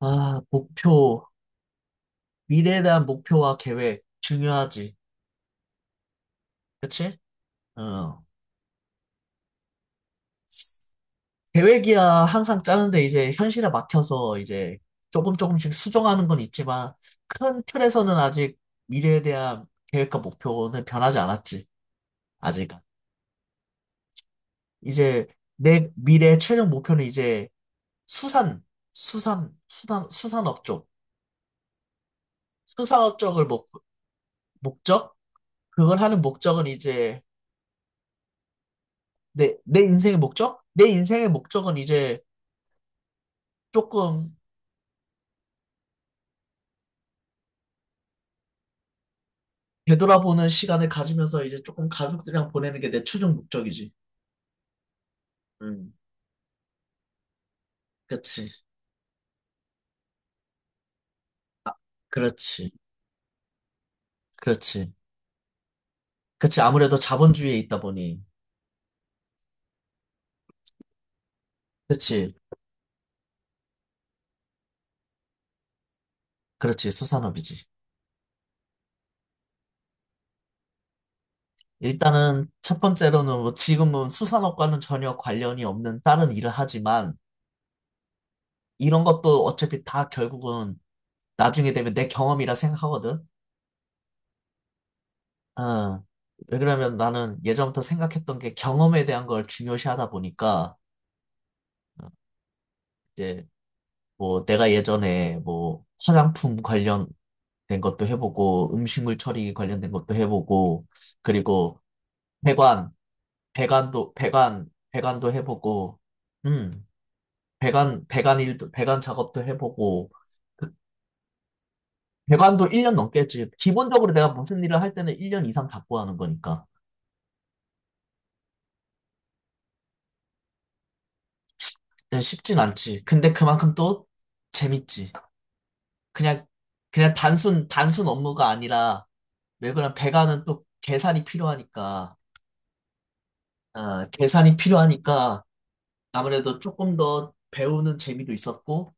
아, 목표, 미래에 대한 목표와 계획, 중요하지. 그치? 어. 계획이야 항상 짜는데 이제 현실에 막혀서 이제 조금씩 수정하는 건 있지만 큰 틀에서는 아직 미래에 대한 계획과 목표는 변하지 않았지. 아직. 은 이제 내 미래의 최종 목표는 이제 수산, 수산업 쪽. 수산업 쪽을 목적? 그걸 하는 목적은 이제 내 인생의 목적? 내 인생의 목적은 이제 조금 되돌아보는 시간을 가지면서 이제 조금 가족들이랑 보내는 게 내 최종 목적이지. 음, 그렇지. 그렇지. 그렇지. 그렇지. 아무래도 자본주의에 있다 보니. 그렇지. 그렇지. 수산업이지. 일단은 첫 번째로는 뭐 지금은 수산업과는 전혀 관련이 없는 다른 일을 하지만 이런 것도 어차피 다 결국은 나중에 되면 내 경험이라 생각하거든. 어. 왜 그러면 나는 예전부터 생각했던 게 경험에 대한 걸 중요시하다 보니까 어, 이제 뭐 내가 예전에 뭐 화장품 관련된 것도 해보고 음식물 처리 관련된 것도 해보고 그리고 배관 배관도 해보고 음 배관 일도 배관 작업도 해보고 배관도 1년 넘게 했지 기본적으로 내가 무슨 일을 할 때는 1년 이상 잡고 하는 거니까 네, 쉽진 않지 근데 그만큼 또 재밌지 그냥 그냥 단순 업무가 아니라 왜 그런 배관은 또 계산이 필요하니까 아, 계산이 필요하니까 아무래도 조금 더 배우는 재미도 있었고,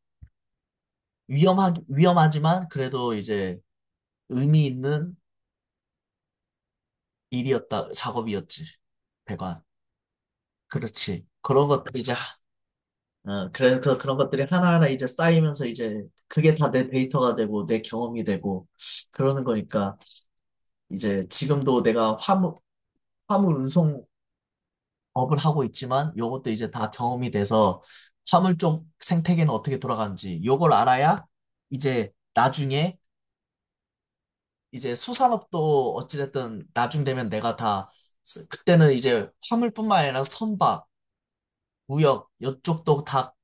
위험하지만 그래도 이제 의미 있는 일이었다, 작업이었지. 배관. 그렇지. 그런 것들이 이제. 그래서 그런 것들이 하나하나 이제 쌓이면서 이제 그게 다 내 데이터가 되고 내 경험이 되고 그러는 거니까 이제 지금도 내가 화물 운송 업을 하고 있지만 요것도 이제 다 경험이 돼서 화물 쪽 생태계는 어떻게 돌아가는지 요걸 알아야 이제 나중에 이제 수산업도 어찌됐든 나중 되면 내가 다. 그때는 이제 화물뿐만 아니라 선박, 무역 요쪽도 다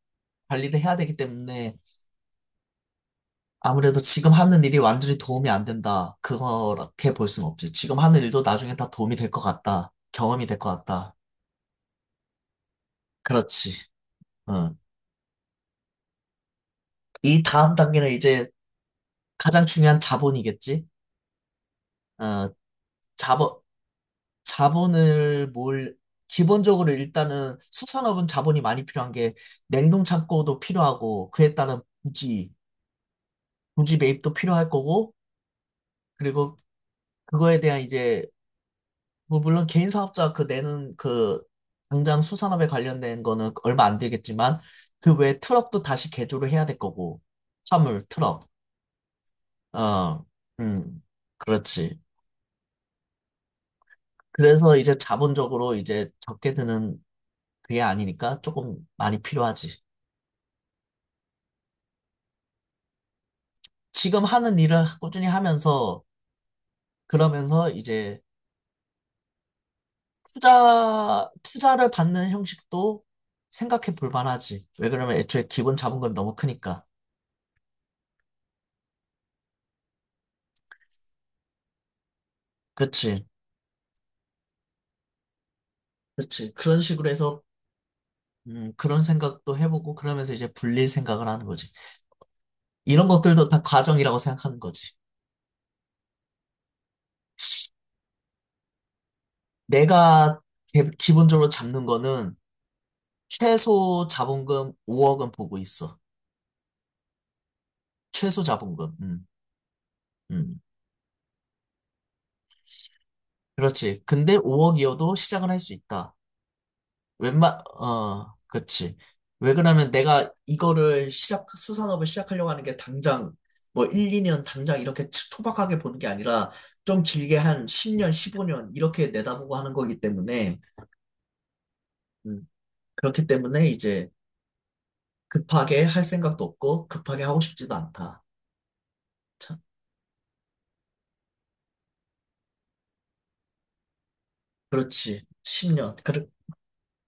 관리를 해야 되기 때문에 아무래도 지금 하는 일이 완전히 도움이 안 된다. 그렇게 볼 수는 없지. 지금 하는 일도 나중에 다 도움이 될 것 같다. 경험이 될 것 같다. 그렇지. 응. 이 다음 단계는 이제 가장 중요한 자본이겠지? 어, 자본, 자본을 기본적으로 일단은 수산업은 자본이 많이 필요한 게 냉동 창고도 필요하고 그에 따른 부지 매입도 필요할 거고 그리고 그거에 대한 이제 뭐 물론 개인 사업자 그 내는 그 당장 수산업에 관련된 거는 얼마 안 들겠지만 그 외에 트럭도 다시 개조를 해야 될 거고 화물, 트럭, 어, 음, 그렇지. 그래서 이제 자본적으로 이제 적게 드는 그게 아니니까 조금 많이 필요하지. 지금 하는 일을 꾸준히 하면서 그러면서 이제 투자를 받는 형식도 생각해 볼 만하지. 왜 그러면 애초에 기본 자본금이 너무 크니까. 그렇지. 그렇지. 그런 식으로 해서 그런 생각도 해보고 그러면서 이제 불릴 생각을 하는 거지. 이런 것들도 다 과정이라고 생각하는 거지. 내가 기본적으로 잡는 거는 최소 자본금 5억은 보고 있어. 최소 자본금. 음. 그렇지. 근데 5억이어도 시작은 할 수 있다. 웬만, 어, 그렇지. 왜 그러냐면 내가 이거를 수산업을 시작하려고 하는 게 당장, 뭐 1, 2년 당장 이렇게 초박하게 보는 게 아니라 좀 길게 한 10년, 15년 이렇게 내다보고 하는 거기 때문에, 음, 그렇기 때문에 이제 급하게 할 생각도 없고 급하게 하고 싶지도 않다. 참, 그렇지. 10년. 그래,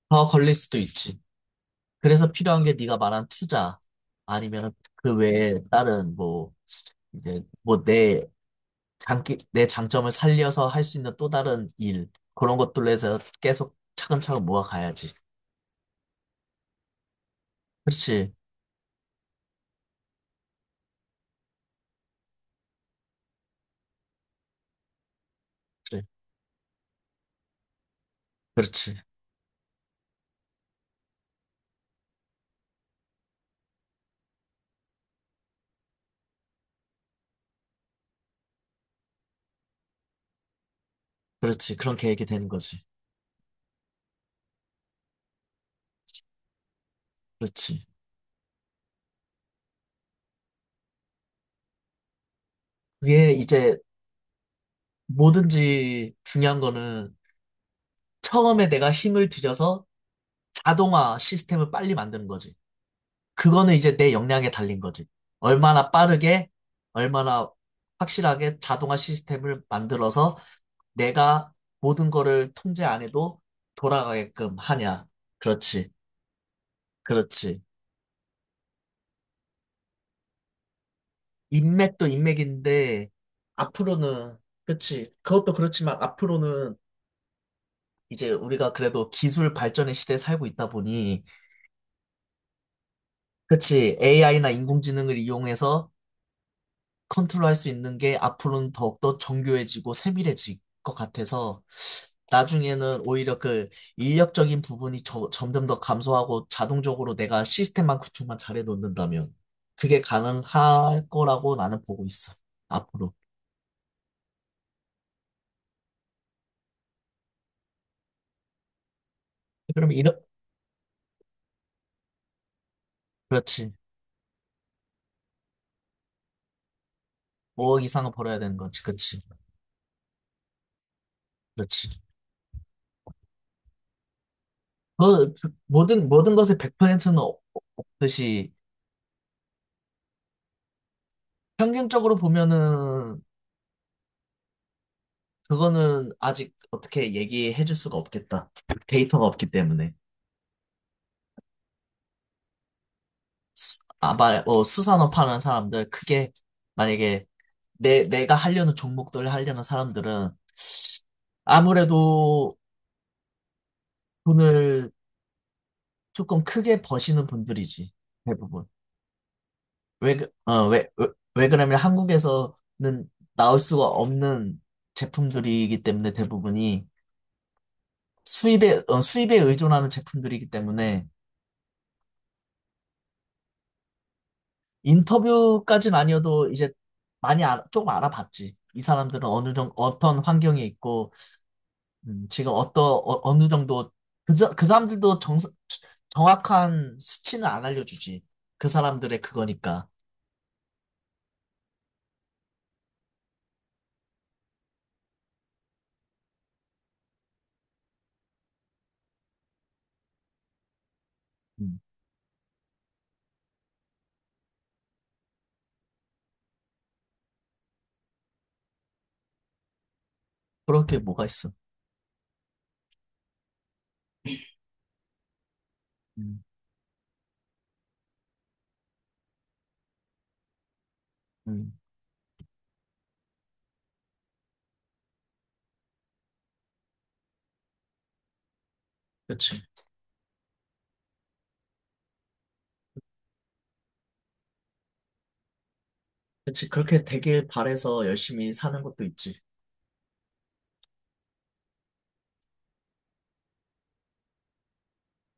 더 걸릴 수도 있지. 그래서 필요한 게 네가 말한 투자 아니면 그 외에 다른 뭐 이제 뭐 내 장점을 살려서 할 수 있는 또 다른 일 그런 것들로 해서 계속 차근차근 모아가야지. 그렇지, 그래, 그렇지, 그렇지. 그런 계획이 되는 거지. 그렇지. 그게 이제 뭐든지 중요한 거는 처음에 내가 힘을 들여서 자동화 시스템을 빨리 만드는 거지. 그거는 이제 내 역량에 달린 거지. 얼마나 빠르게, 얼마나 확실하게 자동화 시스템을 만들어서 내가 모든 거를 통제 안 해도 돌아가게끔 하냐. 그렇지, 그렇지. 인맥도 인맥인데, 앞으로는, 그치. 그것도 그렇지만 앞으로는 이제 우리가 그래도 기술 발전의 시대에 살고 있다 보니, 그치. AI나 인공지능을 이용해서 컨트롤할 수 있는 게 앞으로는 더욱더 정교해지고 세밀해질 것 같아서 나중에는 오히려 그 인력적인 부분이 점점 더 감소하고 자동적으로 내가 시스템만 구축만 잘해 놓는다면 그게 가능할 거라고 나는 보고 있어. 앞으로. 그러면 이런, 그렇지. 5억 이상은 벌어야 되는 거지. 그치. 그렇지. 그 모든 것의 100%는 없듯이 평균적으로 보면은 그거는 아직 어떻게 얘기해 줄 수가 없겠다. 데이터가 없기 때문에. 아마 수산업 하는 사람들, 크게, 만약에 내가 하려는 종목들 하려는 사람들은 아무래도 돈을 조금 크게 버시는 분들이지, 대부분. 왜, 그- 어, 왜, 왜, 왜 그러냐면 한국에서는 나올 수가 없는 제품들이기 때문에 대부분이 수입에 의존하는 제품들이기 때문에 인터뷰까지는 아니어도 이제 조금 알아봤지. 이 사람들은 어느 정도, 어떤 환경에 있고, 지금 어느 정도, 그 사람들도 정확한 수치는 안 알려주지. 그 사람들의 그거니까. 음, 그렇게 뭐가 있어. 음, 음, 그지그지 그렇게 되길 바래서 열심히 사는 것도 있지.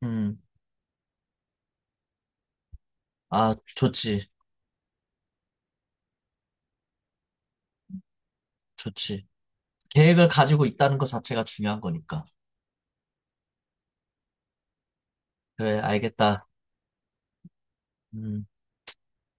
음, 아, 좋지. 좋지. 계획을 가지고 있다는 것 자체가 중요한 거니까. 그래, 알겠다. 음.